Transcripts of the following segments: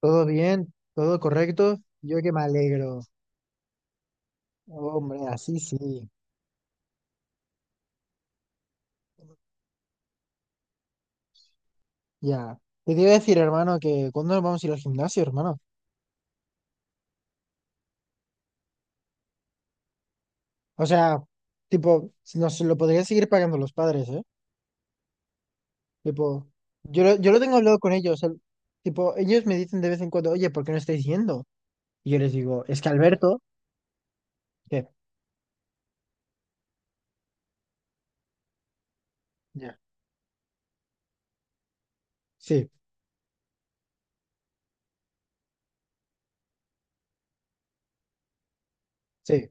Todo bien, todo correcto. Yo que me alegro. Hombre, así sí. Ya. Te iba a decir, hermano, que cuándo nos vamos a ir al gimnasio, hermano. O sea, tipo, nos lo podrían seguir pagando los padres, ¿eh? Tipo, yo lo tengo hablado con ellos. Tipo, ellos me dicen de vez en cuando, oye, ¿por qué no estáis yendo? Y yo les digo, es que Alberto, ¿qué? Ya. Sí, sí,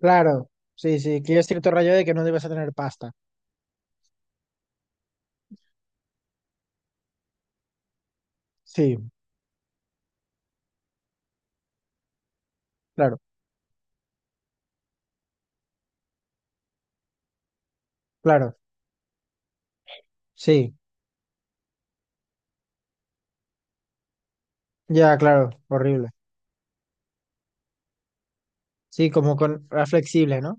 claro. Sí, sí, que yo estoy todo rayado de que no debes a tener pasta. Sí, claro, claro. Sí, ya, claro, horrible. Sí, como con flexible, ¿no?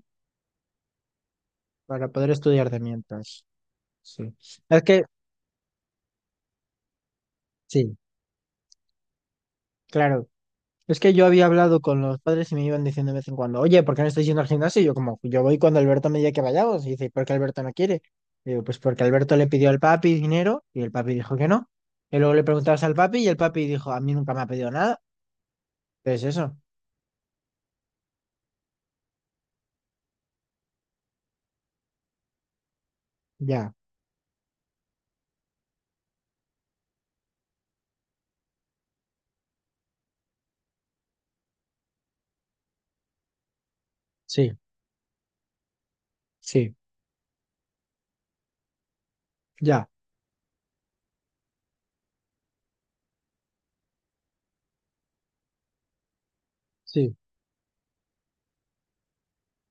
Para poder estudiar de mientras. Sí. Es que, sí, claro. Es que yo había hablado con los padres y me iban diciendo de vez en cuando, oye, ¿por qué no estáis yendo al gimnasio? Y yo como, yo voy cuando Alberto me diga que vayamos. Y dice, ¿por qué Alberto no quiere? Y digo, pues porque Alberto le pidió al papi dinero y el papi dijo que no. Y luego le preguntabas al papi y el papi dijo, a mí nunca me ha pedido nada. Entonces eso, ya, sí, sí, ya, sí,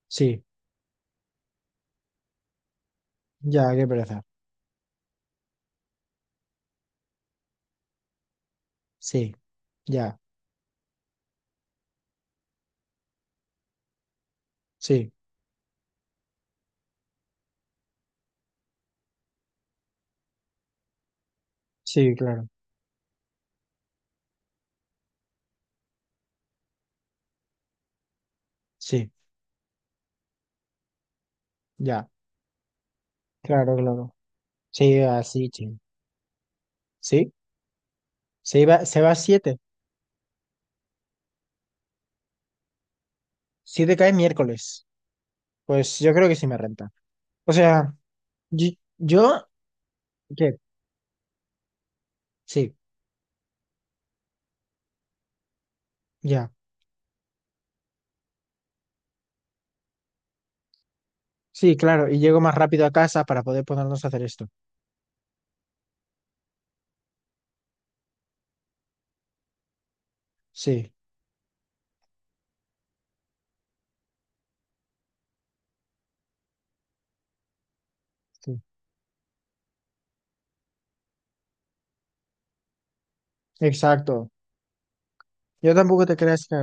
sí, ya, qué pereza. Sí, ya, sí, sí, claro, sí. Ya. Claro, claro. Sí, así, sí. Sí, se iba, se va a siete. Siete cae miércoles. Pues yo creo que sí me renta. O sea, yo, yo- ¿qué? Sí, ya. Sí, claro. Y llego más rápido a casa para poder ponernos a hacer esto. Sí, sí. Exacto. Yo tampoco te creas que.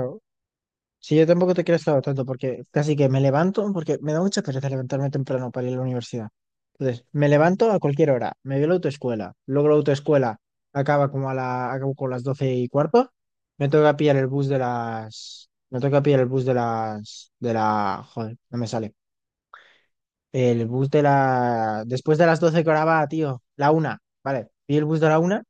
Sí, yo tampoco te quiero estar tanto porque casi que me levanto, porque me da mucha pereza levantarme temprano para ir a la universidad. Entonces, me levanto a cualquier hora, me voy a la autoescuela, luego la autoescuela acaba como acabo con las doce y cuarto. Me toca pillar el bus de las, de la, joder, no me sale, el bus de la, después de las doce que ahora va, tío, la una, vale, y el bus de la una.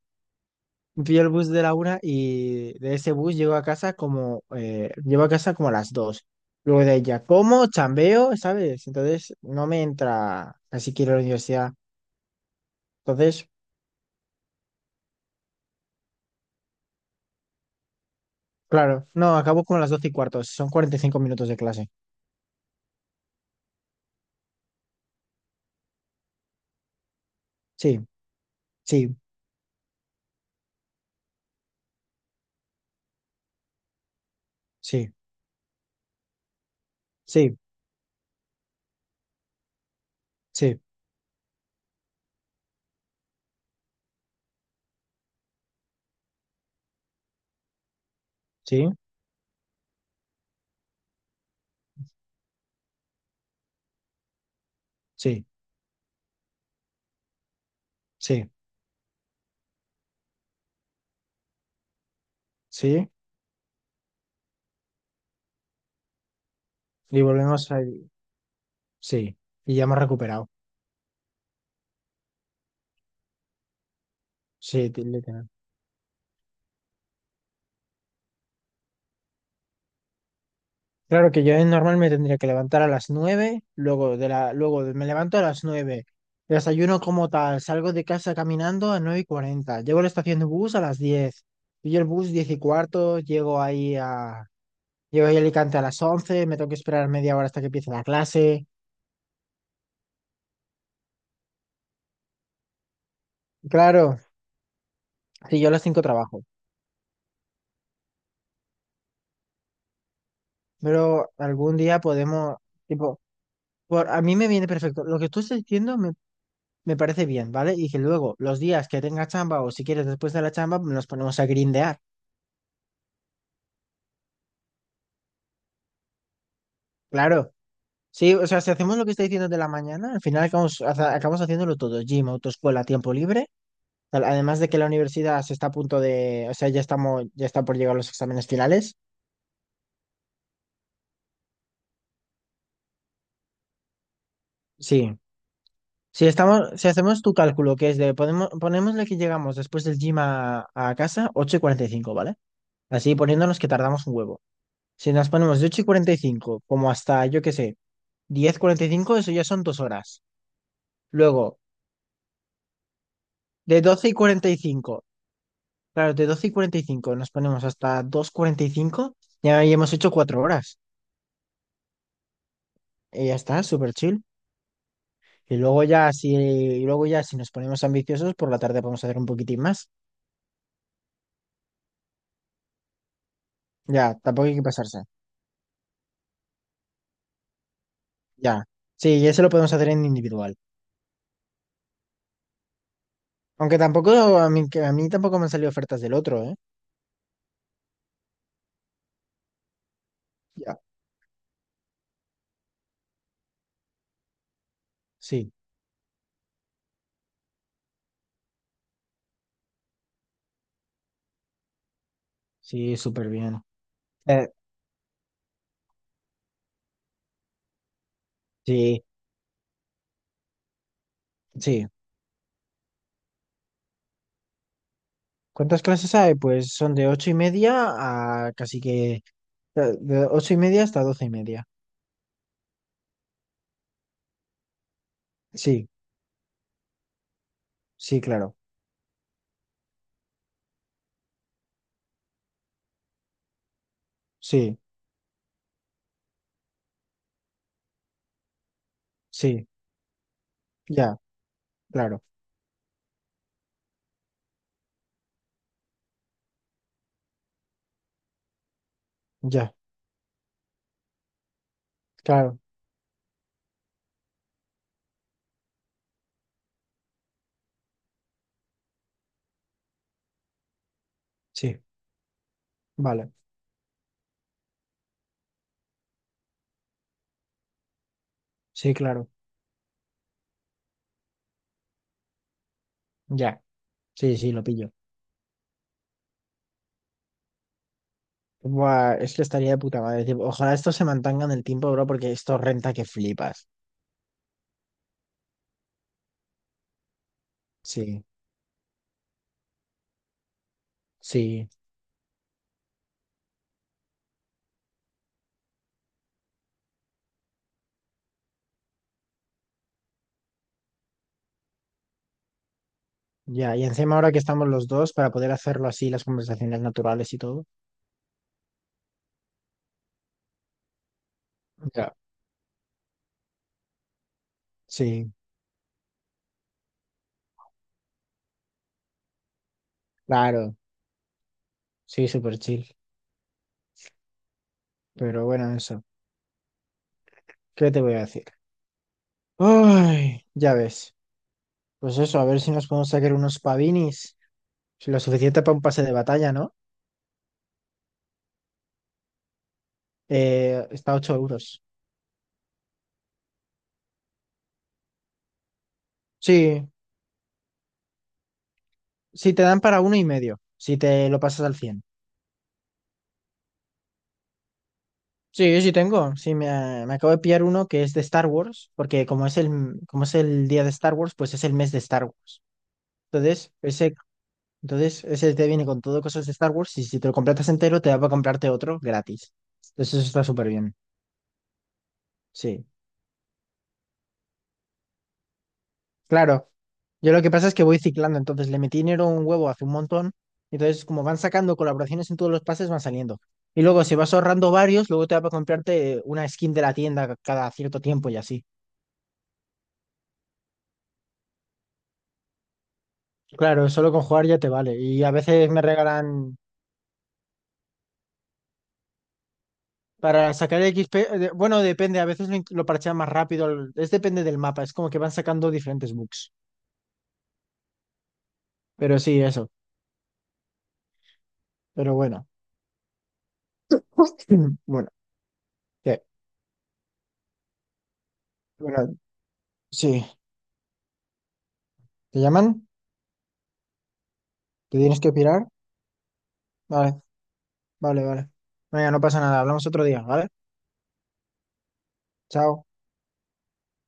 Vi el bus de la una y de ese bus llego a casa como a las dos. Luego de ella, como, chambeo, ¿sabes? Entonces no me entra, así quiero la universidad. Entonces, claro, no, acabo como a las doce y cuarto, son 45 minutos de clase. Sí, sí, sí, sí, sí, sí, sí, sí, sí. Y volvemos a... Sí, y ya hemos recuperado. Sí, literal. Claro que yo normalmente tendría que levantar a las 9, luego de la, luego de- me levanto a las 9, desayuno como tal, salgo de casa caminando a nueve y 40, llego a la estación de bus a las 10, pillo el bus 10 y cuarto, llego ahí a Alicante a las 11, me tengo que esperar media hora hasta que empiece la clase. Claro, sí, yo a las 5 trabajo, pero algún día podemos, tipo, a mí me viene perfecto, lo que tú estás diciendo me parece bien, ¿vale? Y que luego los días que tenga chamba o si quieres después de la chamba nos ponemos a grindear. Claro, sí, o sea, si hacemos lo que está diciendo de la mañana, al final acabamos haciéndolo todo, gym, autoescuela, tiempo libre, tal, además de que la universidad se está a punto de, o sea, ya estamos, ya está por llegar los exámenes finales. Sí, si estamos, si hacemos tu cálculo, que es de, podemos, ponémosle que llegamos después del gym a casa, 8 y cuarenta y cinco, ¿vale? Así poniéndonos que tardamos un huevo. Si nos ponemos de 8 y cuarenta y cinco, como hasta, yo qué sé, 10 y cuarenta y cinco, eso ya son dos horas. Luego, de 12 y cuarenta y cinco Claro, de 12:45 nos ponemos hasta 2:45, ya ahí hemos hecho cuatro horas. Y ya está, súper chill. Y luego ya, si nos ponemos ambiciosos, por la tarde podemos hacer un poquitín más. Ya, tampoco hay que pasarse. Ya. Sí, y eso lo podemos hacer en individual. Aunque tampoco, a mí tampoco me han salido ofertas del otro, ¿eh? Ya. Sí, sí, súper bien. Eh, sí, sí. ¿Cuántas clases hay? Pues son de ocho y media a casi que... eh, de ocho y media hasta doce y media. Sí, sí, claro. Sí, sí, ya, claro, ya, claro, sí, vale, sí, claro, ya, sí, sí, lo pillo. Buah, es que estaría de puta madre, tipo, ojalá esto se mantenga en el tiempo, bro, porque esto renta que flipas. Sí, sí, ya, y encima ahora que estamos los dos, para poder hacerlo así, las conversaciones naturales y todo. Ya. Sí, claro, sí, súper chill, pero bueno, eso, ¿qué te voy a decir? Ay, ya ves, pues eso, a ver si nos podemos sacar unos pavinis, lo suficiente para un pase de batalla, ¿no? Está a 8 euros. Sí, sí te dan para uno y medio, si te lo pasas al cien. Sí, sí tengo. Sí, me acabo de pillar uno que es de Star Wars, porque como es el día de Star Wars, pues es el mes de Star Wars. Entonces, ese, entonces, ese te viene con todo cosas de Star Wars y si te lo completas entero, te da para comprarte otro gratis. Entonces, eso está súper bien. Sí. Claro, yo lo que pasa es que voy ciclando, entonces le metí dinero a un huevo hace un montón, entonces como van sacando colaboraciones en todos los pases van saliendo. Y luego si vas ahorrando varios, luego te va para comprarte una skin de la tienda cada cierto tiempo y así. Claro, solo con jugar ya te vale. Y a veces me regalan para sacar el XP, bueno, depende, a veces lo parchean más rápido, es depende del mapa, es como que van sacando diferentes bugs. Pero sí, eso, pero bueno. Bueno, ¿qué? Bueno, sí, ¿te llaman? ¿Te tienes que pirar? Vale. Vale, vale, venga no pasa nada. Hablamos otro día, ¿vale? Chao.